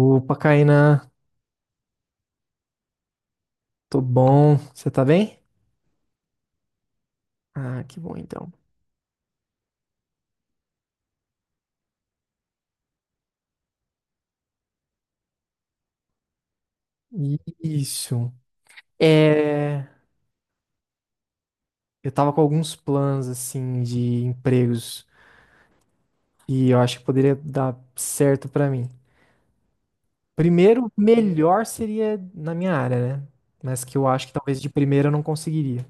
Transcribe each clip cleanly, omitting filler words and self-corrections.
Opa, Caína, tô bom. Você tá bem? Ah, que bom então. Isso. É, eu tava com alguns planos assim de empregos e eu acho que poderia dar certo pra mim. Primeiro, melhor seria na minha área, né? Mas que eu acho que talvez de primeira eu não conseguiria.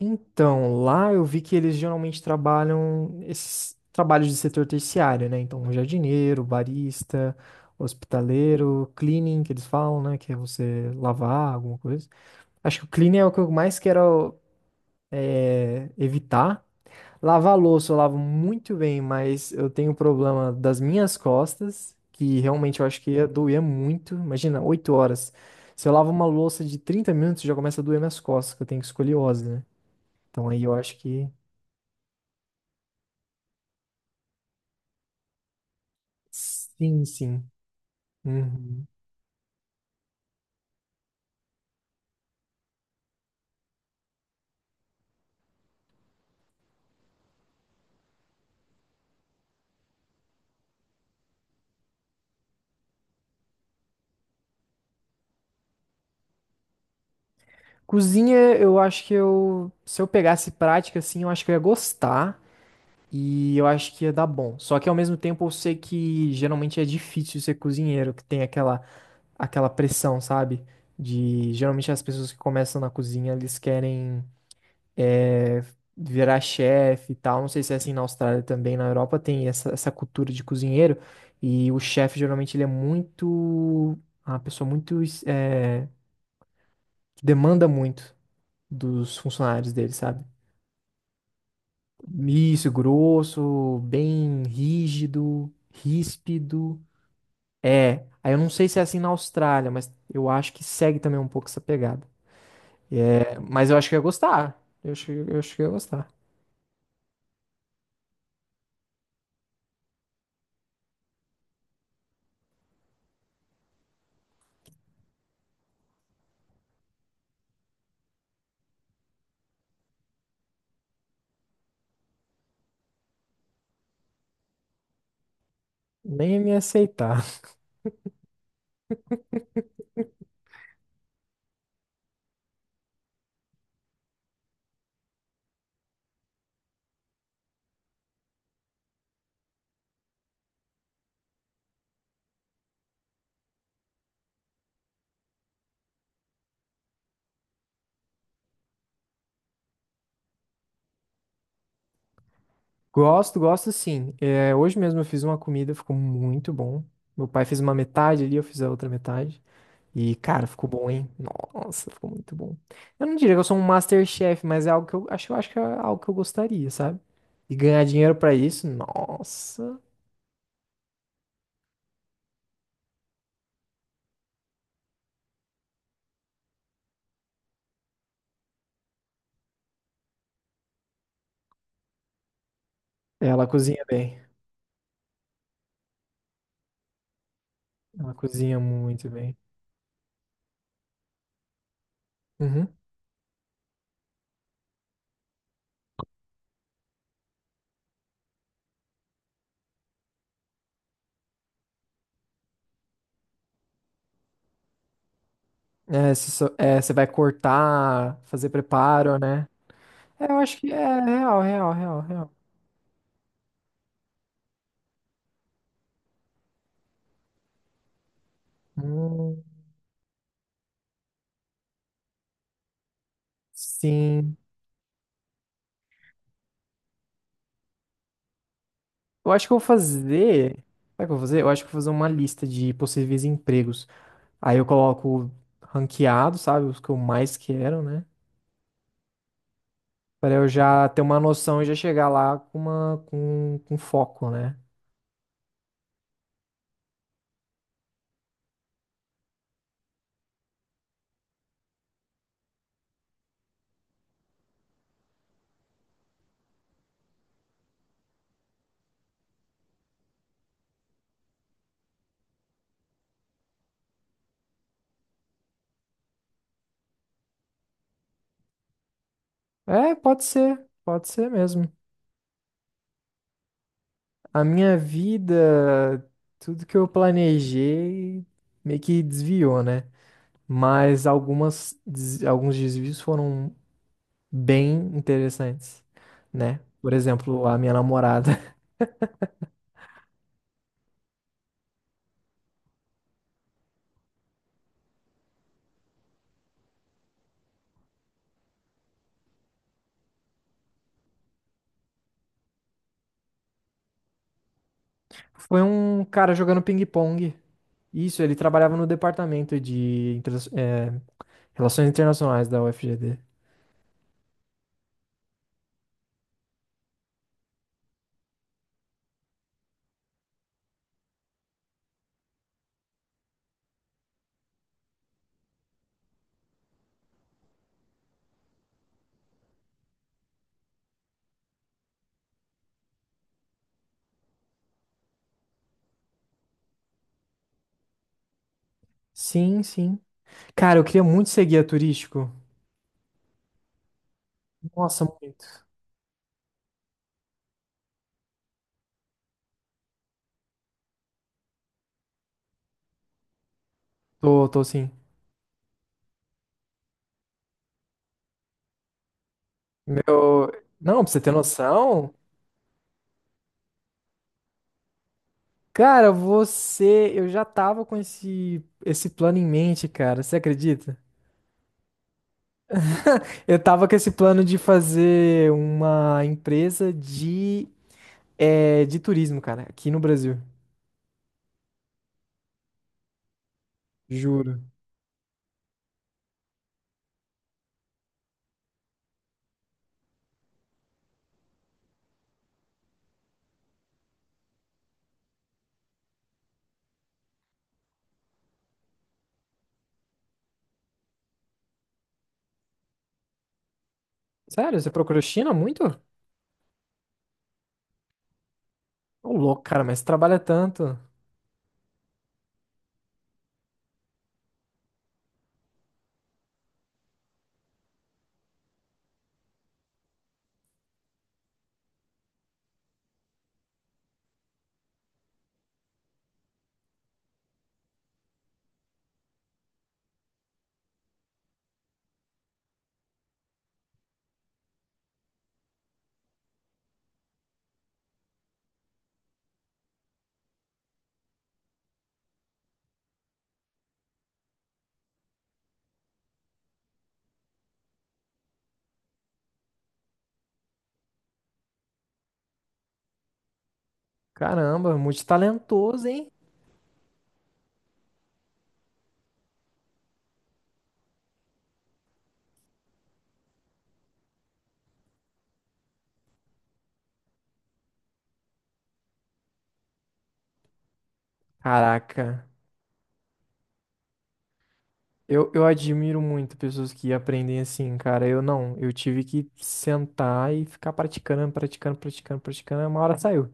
Então, lá eu vi que eles geralmente trabalham esses trabalhos de setor terciário, né? Então, jardineiro, barista, hospitaleiro, cleaning, que eles falam, né? Que é você lavar alguma coisa. Acho que o cleaning é o que eu mais quero evitar. Lavar louça eu lavo muito bem, mas eu tenho um problema das minhas costas, que realmente eu acho que ia doer muito. Imagina, 8 horas. Se eu lavo uma louça de 30 minutos, já começa a doer minhas costas, que eu tenho escoliose, né? Então aí eu acho que sim, sim. Uhum. Cozinha, eu acho que eu, se eu pegasse prática, assim, eu acho que eu ia gostar e eu acho que ia dar bom. Só que ao mesmo tempo eu sei que geralmente é difícil ser cozinheiro, que tem aquela, pressão, sabe? De geralmente as pessoas que começam na cozinha, eles querem é, virar chefe e tal. Não sei se é assim na Austrália também, na Europa tem essa cultura de cozinheiro e o chefe geralmente ele é muito, uma pessoa muito é, que demanda muito dos funcionários dele, sabe? Isso, grosso, bem rígido, ríspido. É, aí eu não sei se é assim na Austrália, mas eu acho que segue também um pouco essa pegada. É, mas eu acho que eu ia gostar. Eu acho que eu ia gostar. Nem ia me aceitar. Gosto, gosto sim. É, hoje mesmo eu fiz uma comida, ficou muito bom. Meu pai fez uma metade ali, eu fiz a outra metade. E, cara, ficou bom, hein? Nossa, ficou muito bom. Eu não diria que eu sou um MasterChef, mas é algo que eu acho que é algo que eu gostaria, sabe? E ganhar dinheiro pra isso, nossa. É, ela cozinha bem. Ela cozinha muito bem. Uhum. Você vai cortar, fazer preparo, né? É, eu acho que é real, real, real, real. Hum, sim. Eu acho que eu vou fazer. Sabe o que eu vou fazer? Eu acho que eu vou fazer uma lista de possíveis empregos. Aí eu coloco ranqueado, sabe? Os que eu mais quero, né? Pra eu já ter uma noção e já chegar lá com com foco, né? É, pode ser mesmo. A minha vida, tudo que eu planejei meio que desviou, né? Mas alguns desvios foram bem interessantes, né? Por exemplo, a minha namorada foi um cara jogando ping-pong. Isso, ele trabalhava no departamento de Relações Internacionais da UFGD. Sim, sim. Cara, eu queria muito ser guia turístico. Nossa, muito. Tô, tô sim. Meu. Não, pra você ter noção. Cara, você. Eu já tava com esse plano em mente, cara. Você acredita? Eu tava com esse plano de fazer uma empresa de, é, de turismo, cara, aqui no Brasil. Juro. Sério, você procurou China muito? Ô, louco, cara, mas você trabalha tanto. Caramba, multitalentoso, hein? Caraca. Eu admiro muito pessoas que aprendem assim, cara. Eu não. Eu tive que sentar e ficar praticando, praticando, praticando, praticando. E uma hora saiu.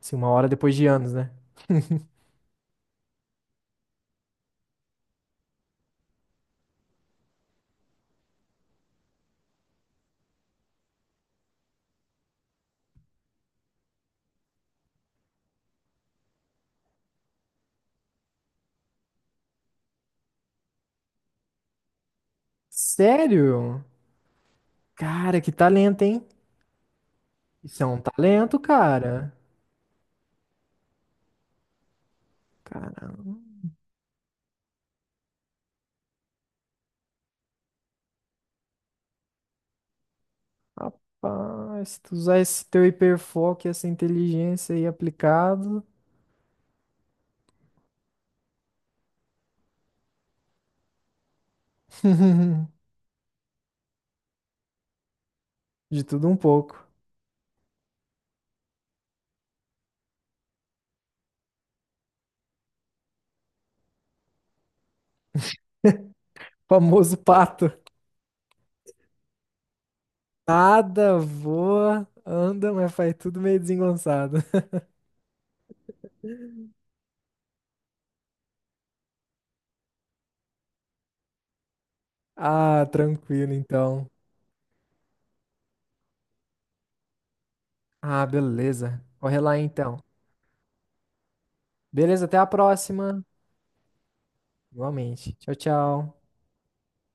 Assim, uma hora depois de anos, né? Sério? Cara, que talento, hein? Isso é um talento, cara. Cara, rapaz, se tu usar esse teu hiperfoco e essa inteligência aí aplicado, de tudo um pouco. Famoso pato. Nada voa, anda, mas faz tudo meio desengonçado. Ah, tranquilo então. Ah, beleza. Corre lá então. Beleza, até a próxima. Igualmente. Tchau, tchau.